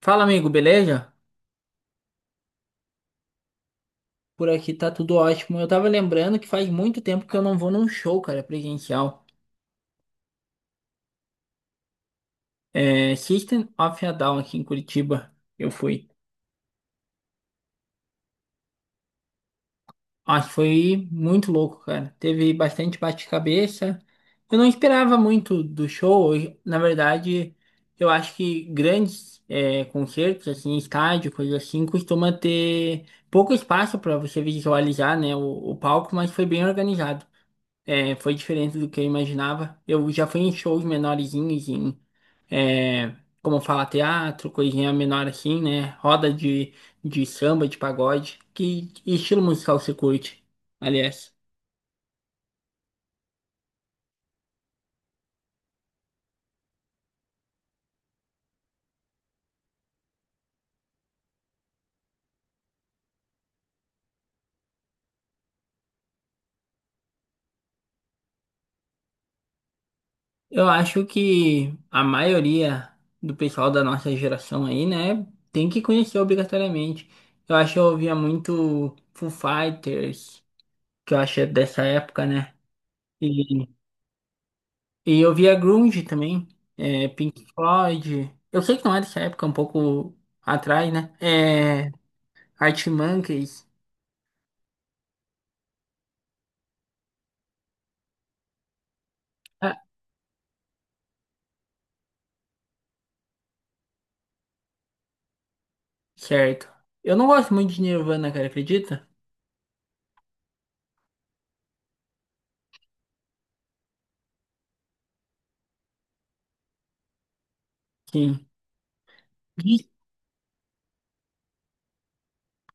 Fala, amigo, beleza? Por aqui tá tudo ótimo. Eu tava lembrando que faz muito tempo que eu não vou num show, cara, presencial. É, System of a Down aqui em Curitiba. Eu fui. Acho que foi muito louco, cara. Teve bastante bate-cabeça. Eu não esperava muito do show. Na verdade, eu acho que grandes concertos, assim, estádio, coisa assim, costuma ter pouco espaço pra você visualizar, né, o palco, mas foi bem organizado. É, foi diferente do que eu imaginava. Eu já fui em shows menorzinhos, é, como falar teatro, coisinha menor assim, né? Roda de samba, de pagode. Que estilo musical você curte, aliás? Eu acho que a maioria do pessoal da nossa geração aí, né, tem que conhecer obrigatoriamente. Eu acho que eu ouvia muito Foo Fighters, que eu acho que é dessa época, né? E eu via grunge também, Pink Floyd. Eu sei que não é dessa época, um pouco atrás, né? É, Arctic Monkeys. Ah, certo. Eu não gosto muito de Nirvana, cara, acredita? Sim. Diz,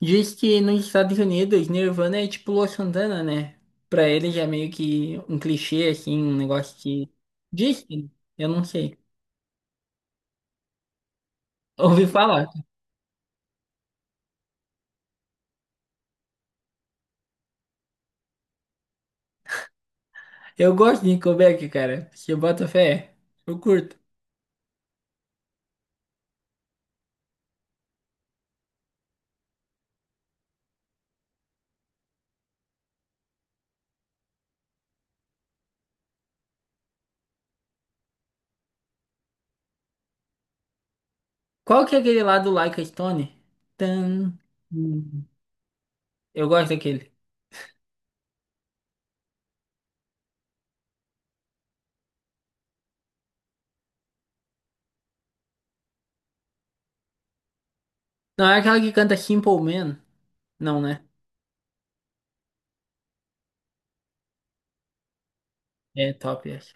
diz que nos Estados Unidos, Nirvana é tipo Lua Santana, né? Pra eles é meio que um clichê, assim, um negócio que. Diz que, eu não sei. Ouvi falar. Eu gosto de Nickelback, cara. Se eu boto fé, eu curto. Qual que é aquele lá do Like a Stone? Tan. Hum. Eu gosto daquele. Não, é aquela que canta Simple Man. Não, né? É top essa.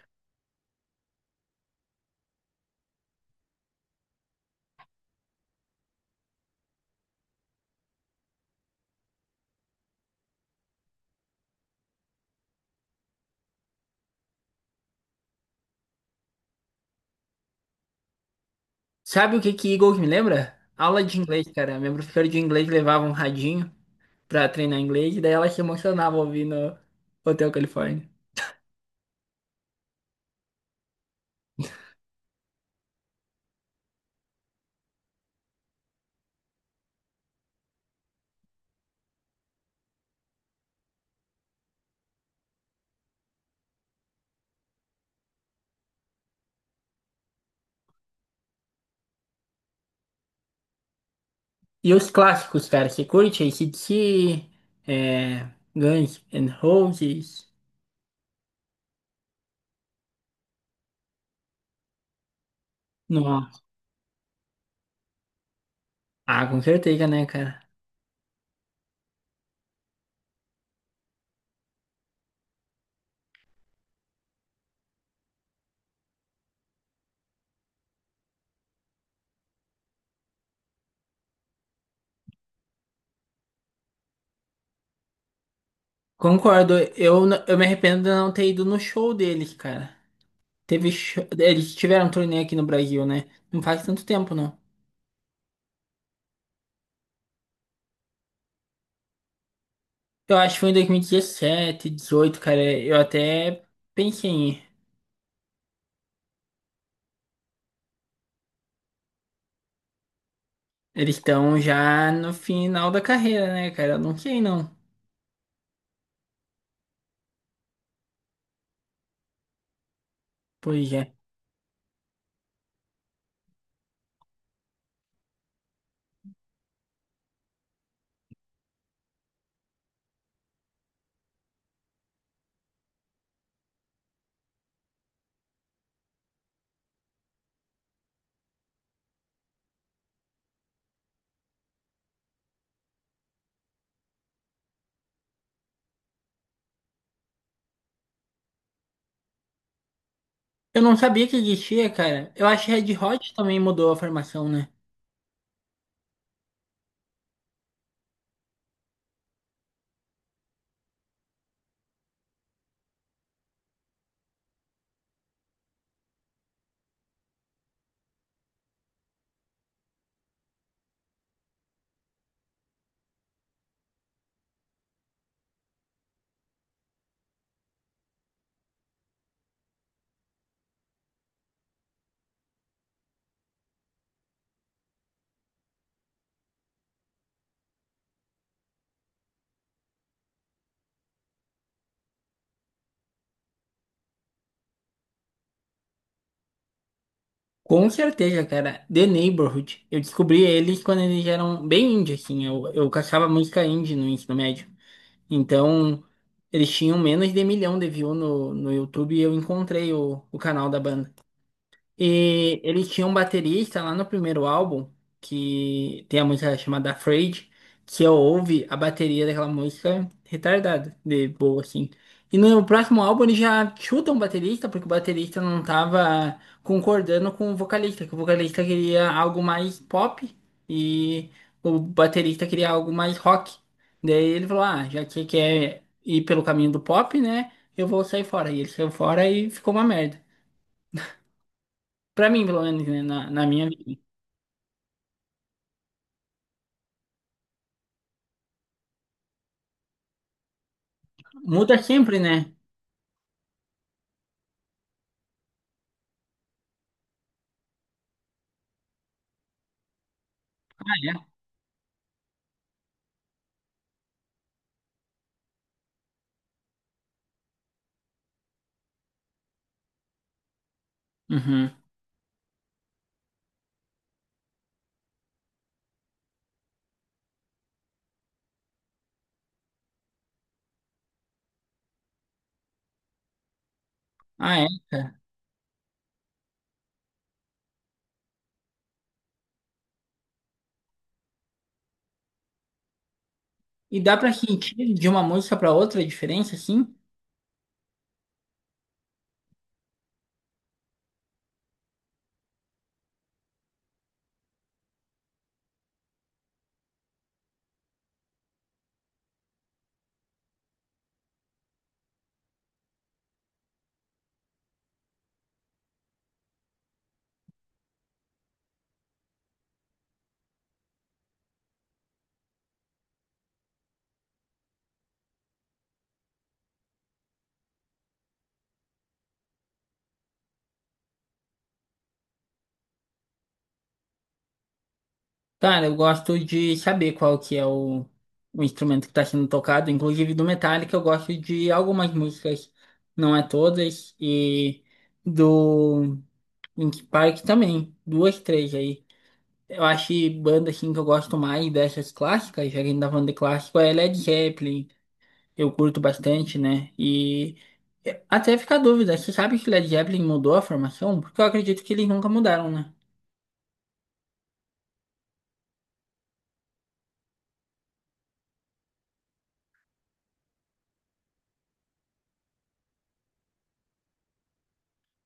Sabe o que que Eagles me lembra? Aula de inglês, cara. Minha professora de inglês levava um radinho pra treinar inglês, e daí ela se emocionava ouvindo Hotel California. E os clássicos, cara, você curte AC/DC, é, Guns N' Roses? Nossa. Ah, com certeza, né, cara? Concordo. Eu me arrependo de não ter ido no show deles, cara. Teve. Eles tiveram um torneio aqui no Brasil, né? Não faz tanto tempo, não. Eu acho que foi em 2017, 18, cara. Eu até pensei em ir. Eles estão já no final da carreira, né, cara? Eu não sei, não. Pois é. Eu não sabia que existia, cara. Eu acho que Red Hot também mudou a formação, né? Com certeza, cara. The Neighborhood. Eu descobri eles quando eles eram bem indie, assim. Eu caçava música indie no ensino médio. Então, eles tinham menos de milhão de views no YouTube e eu encontrei o canal da banda. E ele tinha um baterista lá no primeiro álbum, que tem a música chamada Afraid, que eu ouvi a bateria daquela música retardada, de boa, assim. E no próximo álbum ele já chuta um baterista, porque o baterista não tava concordando com o vocalista, que o vocalista queria algo mais pop e o baterista queria algo mais rock. Daí ele falou, ah, já que quer ir pelo caminho do pop, né, eu vou sair fora. E ele saiu fora e ficou uma merda. Pra mim, pelo menos, né? Na minha vida. Muda sempre, né? Ah, é? Uhum. Ah, é, cara. E dá pra sentir de uma música pra outra a diferença, assim? Cara, eu gosto de saber qual que é o instrumento que tá sendo tocado. Inclusive do Metallica, eu gosto de algumas músicas, não é todas. E do Linkin Park também. Duas, três aí. Eu acho que banda, assim, que eu gosto mais dessas clássicas, já que a gente tá falando de clássico, é Led Zeppelin. Eu curto bastante, né? E até fica a dúvida, você sabe que o Led Zeppelin mudou a formação? Porque eu acredito que eles nunca mudaram, né?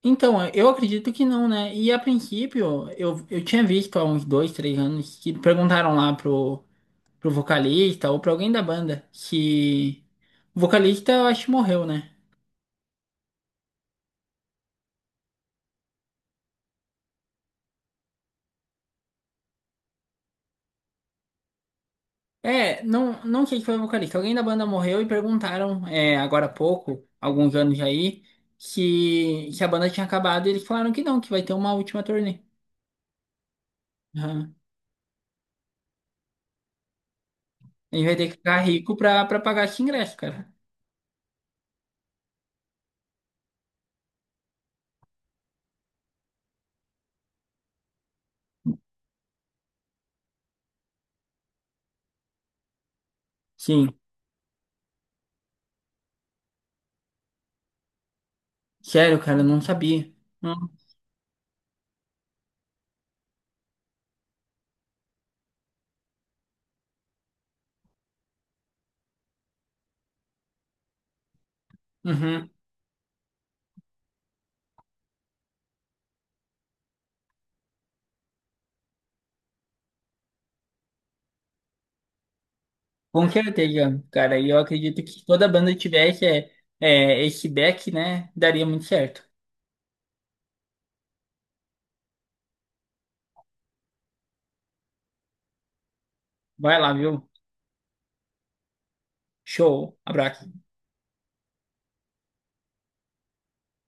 Então, eu acredito que não, né? E a princípio, eu tinha visto há uns dois, três anos que perguntaram lá pro vocalista ou pra alguém da banda se. O vocalista, eu acho, que morreu, né? É, não, não sei se foi o vocalista. Alguém da banda morreu e perguntaram, é, agora há pouco, alguns anos aí, se a banda tinha acabado. E eles falaram que não, que vai ter uma última turnê. Aham. A gente vai ter que ficar rico pra pagar esse ingresso, cara. Sim, sério, cara, eu não sabia. Não. Uhum. Com certeza, cara. E eu acredito que se toda banda tivesse esse back, né? Daria muito certo. Vai lá, viu? Show. Abraço.